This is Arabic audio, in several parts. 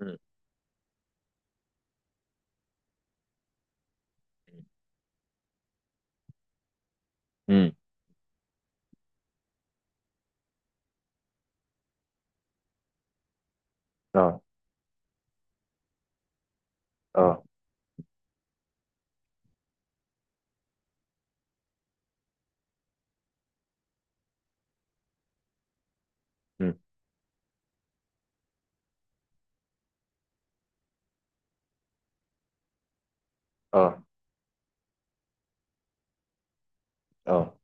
مم. مم. اه، اه. مم. اه، اه.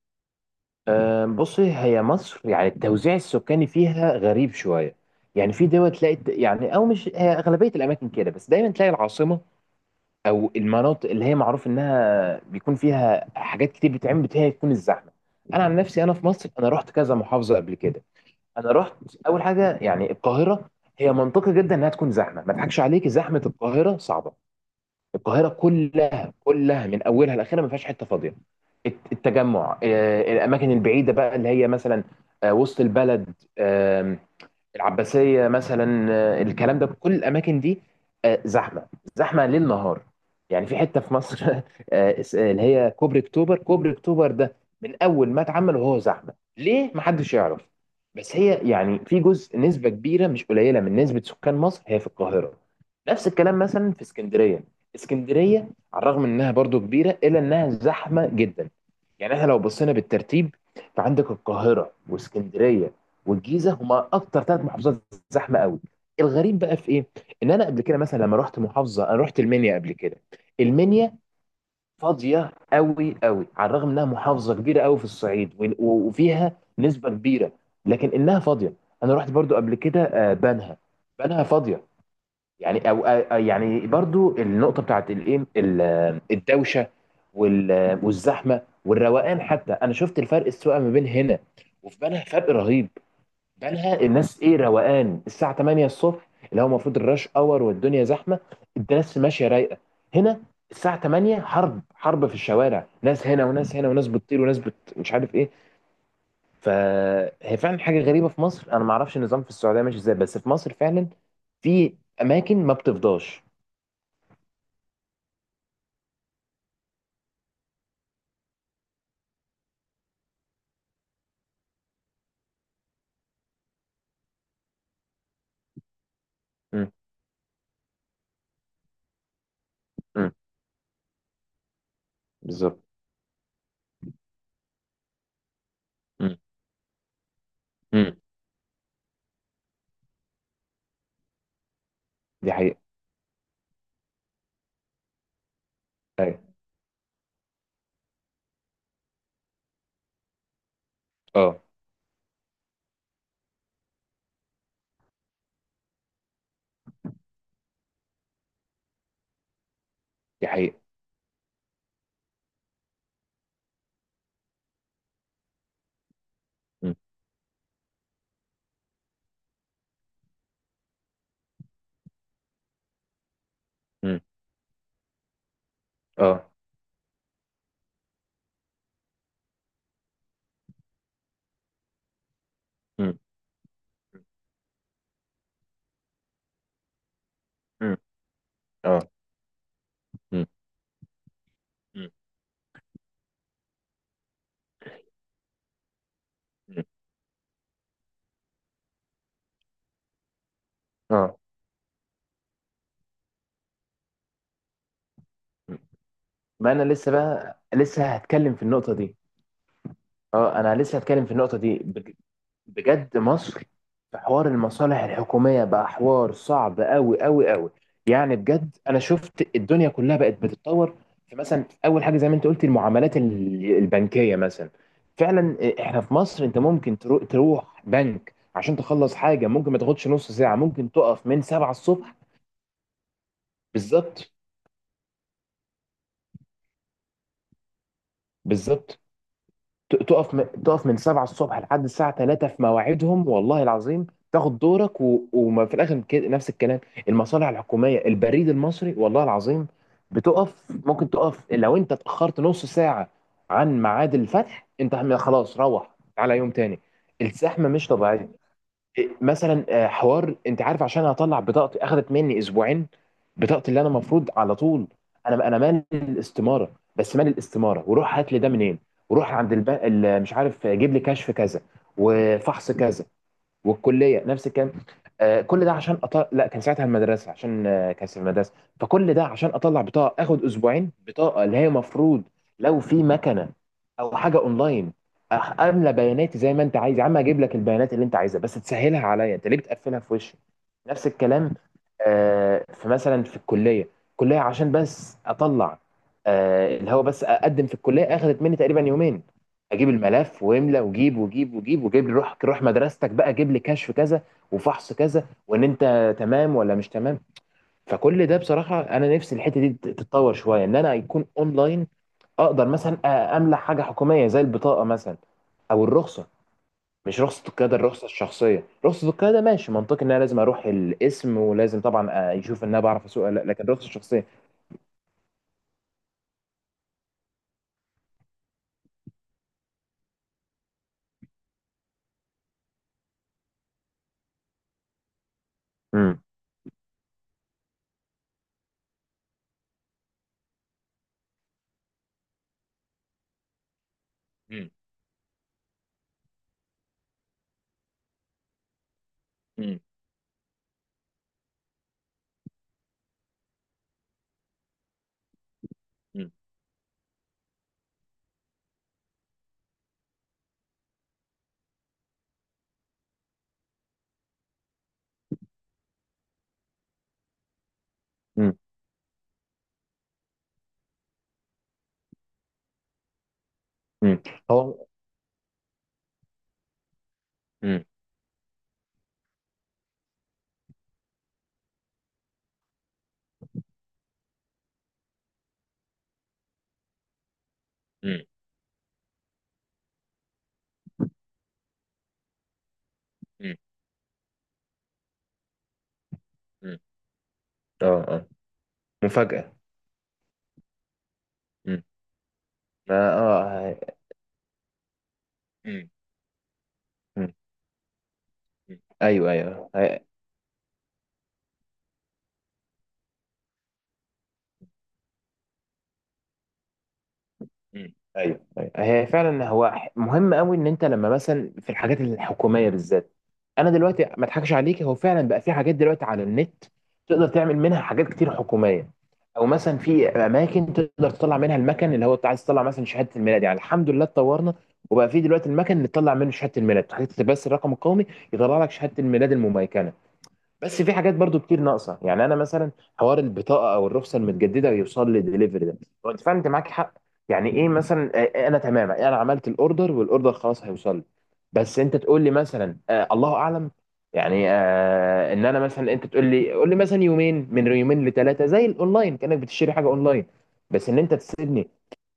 بصي، هي مصر يعني التوزيع السكاني فيها غريب شويه. يعني في دول تلاقي يعني او مش هي اغلبيه الاماكن كده، بس دايما تلاقي العاصمه او المناطق اللي هي معروف انها بيكون فيها حاجات كتير بتتعمل بتاعي تكون الزحمه. انا عن نفسي، انا في مصر انا رحت كذا محافظه قبل كده. انا رحت اول حاجه يعني القاهره، هي منطقي جدا انها تكون زحمه، ما اضحكش عليك زحمه القاهره صعبه. القاهره كلها كلها من اولها لاخرها ما فيهاش حته فاضيه. التجمع، الاماكن البعيده بقى اللي هي مثلا وسط البلد، العباسية مثلا، الكلام ده، كل الأماكن دي زحمة. زحمة ليل نهار. يعني في حتة في مصر اللي هي كوبري أكتوبر. كوبري أكتوبر ده من أول ما اتعمل وهو زحمة، ليه محدش يعرف. بس هي يعني في جزء، نسبة كبيرة مش قليلة من نسبة سكان مصر هي في القاهرة. نفس الكلام مثلا في اسكندرية. اسكندرية، على الرغم إنها برضو كبيرة، إلا إنها زحمة جدا. يعني احنا لو بصينا بالترتيب، فعندك القاهرة واسكندرية والجيزه، هما اكتر ثلاث محافظات زحمه قوي. الغريب بقى في ايه، ان انا قبل كده مثلا لما رحت محافظه، انا رحت المنيا قبل كده. المنيا فاضيه قوي قوي، على الرغم انها محافظه كبيره قوي في الصعيد وفيها نسبه كبيره، لكن انها فاضيه. انا رحت برضو قبل كده بنها. بنها فاضيه، يعني او يعني برضو النقطه بتاعت الايه الدوشه والزحمه والروقان، حتى انا شفت الفرق السواقه ما بين هنا وفي بنها، فرق رهيب. بالها الناس ايه، روقان. الساعه 8 الصبح اللي هو المفروض الراش اور والدنيا زحمه، الناس ماشيه رايقه. هنا الساعه 8 حرب حرب في الشوارع، ناس هنا وناس هنا وناس بتطير وناس مش عارف ايه. فهي فعلا حاجه غريبه في مصر. انا ما اعرفش النظام في السعوديه ماشي ازاي، بس في مصر فعلا في اماكن ما بتفضاش. امم. امم. بالظبط. امم. امم. دي حقيقه. ايوه. اه. دي حقيقه. امم. امم. اه. امم. امم. اه. امم. امم. امم. اه. ما انا لسه بقى لسه هتكلم في النقطه دي. اه، انا لسه هتكلم في النقطه دي بجد. مصر في حوار المصالح الحكوميه بقى حوار صعب قوي قوي قوي. يعني بجد انا شفت الدنيا كلها بقت بتتطور. في مثلا اول حاجه زي ما انت قلت، المعاملات البنكيه مثلا، فعلا. احنا في مصر انت ممكن تروح بنك عشان تخلص حاجه، ممكن ما تاخدش نص ساعه، ممكن تقف من 7 الصبح. بالظبط. بالظبط. تقف من 7 الصبح لحد الساعة 3 في مواعيدهم، والله العظيم، تاخد دورك وما في الآخر كده نفس الكلام. المصالح الحكومية، البريد المصري، والله العظيم بتقف. ممكن تقف لو أنت اتأخرت نص ساعة عن ميعاد الفتح، أنت خلاص روح على يوم تاني. الزحمة مش طبيعية. مثلا حوار انت عارف، عشان اطلع بطاقتي اخذت مني اسبوعين. بطاقتي اللي انا المفروض على طول، انا مال الاستماره، بس مال الاستماره وروح هات لي ده منين، وروح عند مش عارف، جيب لي كشف كذا وفحص كذا، والكليه نفس الكلام. كل ده عشان أطلع، لا كان ساعتها المدرسه، عشان كان في المدرسه. فكل ده عشان اطلع بطاقه اخد اسبوعين، بطاقه اللي هي مفروض لو في مكنه او حاجه اونلاين املى بياناتي زي ما انت عايز، يا عم اجيب لك البيانات اللي انت عايزها بس تسهلها عليا، انت ليه بتقفلها في وشي. نفس الكلام. فمثلا في الكليه، عشان بس اطلع اللي هو بس اقدم في الكليه اخذت مني تقريبا يومين. اجيب الملف واملى وجيب وجيب وجيب وجيب لي، روح روح مدرستك بقى، جيب لي كشف كذا وفحص كذا وان انت تمام ولا مش تمام. فكل ده بصراحه انا نفسي الحته دي تتطور شويه، ان انا يكون اونلاين. اقدر مثلا املى حاجه حكوميه زي البطاقه مثلا، او الرخصه. مش رخصة القيادة، الرخصة الشخصية. رخصة القيادة ماشي، منطقي ان انا لازم اروح القسم، ولازم طبعا يشوف ان انا بعرف اسوق ولا لا، لكن الرخصة الشخصية. امم. مم. مم. مم. امم. امم. هو. امم. مم. مم. مم. اه. اه. مفاجأة. امم. اه. آه. مم. مم. مم. ايوه. ايوه. مم. ايوه. ايوه. هي فعلا هو مهم قوي ان انت لما مثلا في الحاجات الحكوميه بالذات. انا دلوقتي ما اضحكش عليك، هو فعلا بقى في حاجات دلوقتي على النت تقدر تعمل منها حاجات كتير حكوميه، او مثلا في اماكن تقدر تطلع منها المكن اللي هو انت عايز تطلع مثلا شهاده الميلاد. يعني الحمد لله اتطورنا، وبقى في دلوقتي المكن اللي تطلع منه شهاده الميلاد، تحط بس الرقم القومي يطلع لك شهاده الميلاد المميكنه. بس في حاجات برضو كتير ناقصه. يعني انا مثلا حوار البطاقه او الرخصه المتجدده ويوصل لي ديليفري ده، هو انت فعلا، انت معاك حق. يعني ايه مثلا، انا تمام، انا عملت الاوردر والاوردر خلاص هيوصل لي، بس انت تقول لي مثلا الله اعلم. يعني ان انا مثلا، انت تقول لي قول لي مثلا يومين، من يومين لثلاثه، زي الاونلاين، كانك بتشتري حاجه اونلاين. بس ان انت تسيبني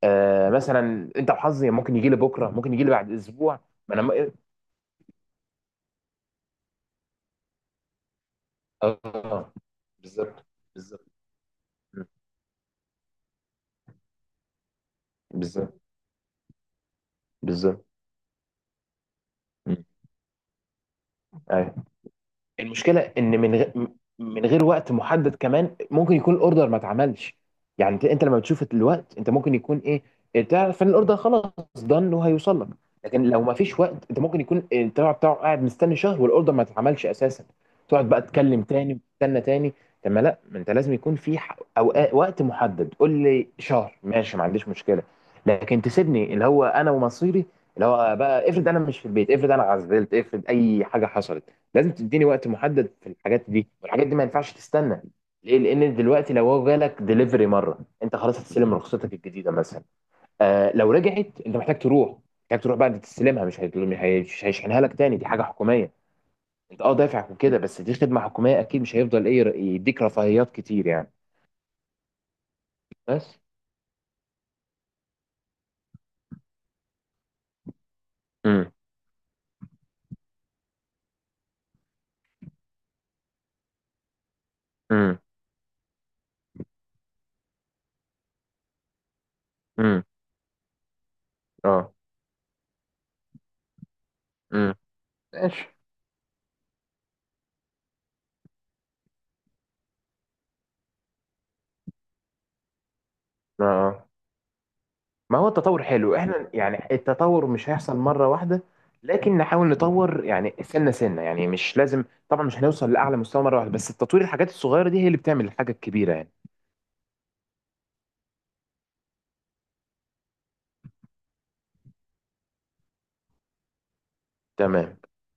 مثلا انت وحظي، ممكن يجي لي بكره، ممكن يجي لي بعد اسبوع. ما انا اه. بالظبط. بالظبط. بالظبط. بالظبط. مم. ايوه. المشكله ان من غير وقت محدد كمان ممكن يكون الاوردر ما اتعملش. يعني انت لما بتشوف الوقت، انت ممكن يكون ايه، تعرف ان الاوردر خلاص دن وهيوصل لك. لكن لو ما فيش وقت، انت ممكن يكون التبع بتاعه قاعد مستني شهر والاوردر ما اتعملش اساسا، تقعد بقى تكلم تاني وتستنى تاني. طب ما لا ما انت لازم يكون في اوقات وقت محدد. قول لي شهر ماشي، ما عنديش مشكله، لكن تسيبني اللي هو انا ومصيري. اللي هو بقى افرض انا مش في البيت، افرض انا عزلت، افرض اي حاجه حصلت. لازم تديني وقت محدد في الحاجات دي، والحاجات دي ما ينفعش تستنى. ليه، لان دلوقتي لو هو جالك ديليفري مره، انت خلاص هتستلم رخصتك الجديده مثلا. لو رجعت انت محتاج تروح، محتاج تروح بعد تستلمها، مش هيطل- مش هي- مش هيشحنها لك تاني، دي حاجه حكوميه. انت، اه، دافع وكده، بس دي خدمه حكوميه، اكيد مش هيفضل ايه يديك رفاهيات كتير يعني، بس. امم. امم. امم. اه. امم. ماشي. اه. آه. ما هو التطور حلو، احنا يعني التطور مش هيحصل مرة واحدة، لكن نحاول نطور يعني سنة سنة، يعني مش لازم. طبعا مش هنوصل لأعلى مستوى مرة واحدة، بس التطوير الحاجات الصغيرة دي هي اللي بتعمل الحاجة الكبيرة يعني. تمام.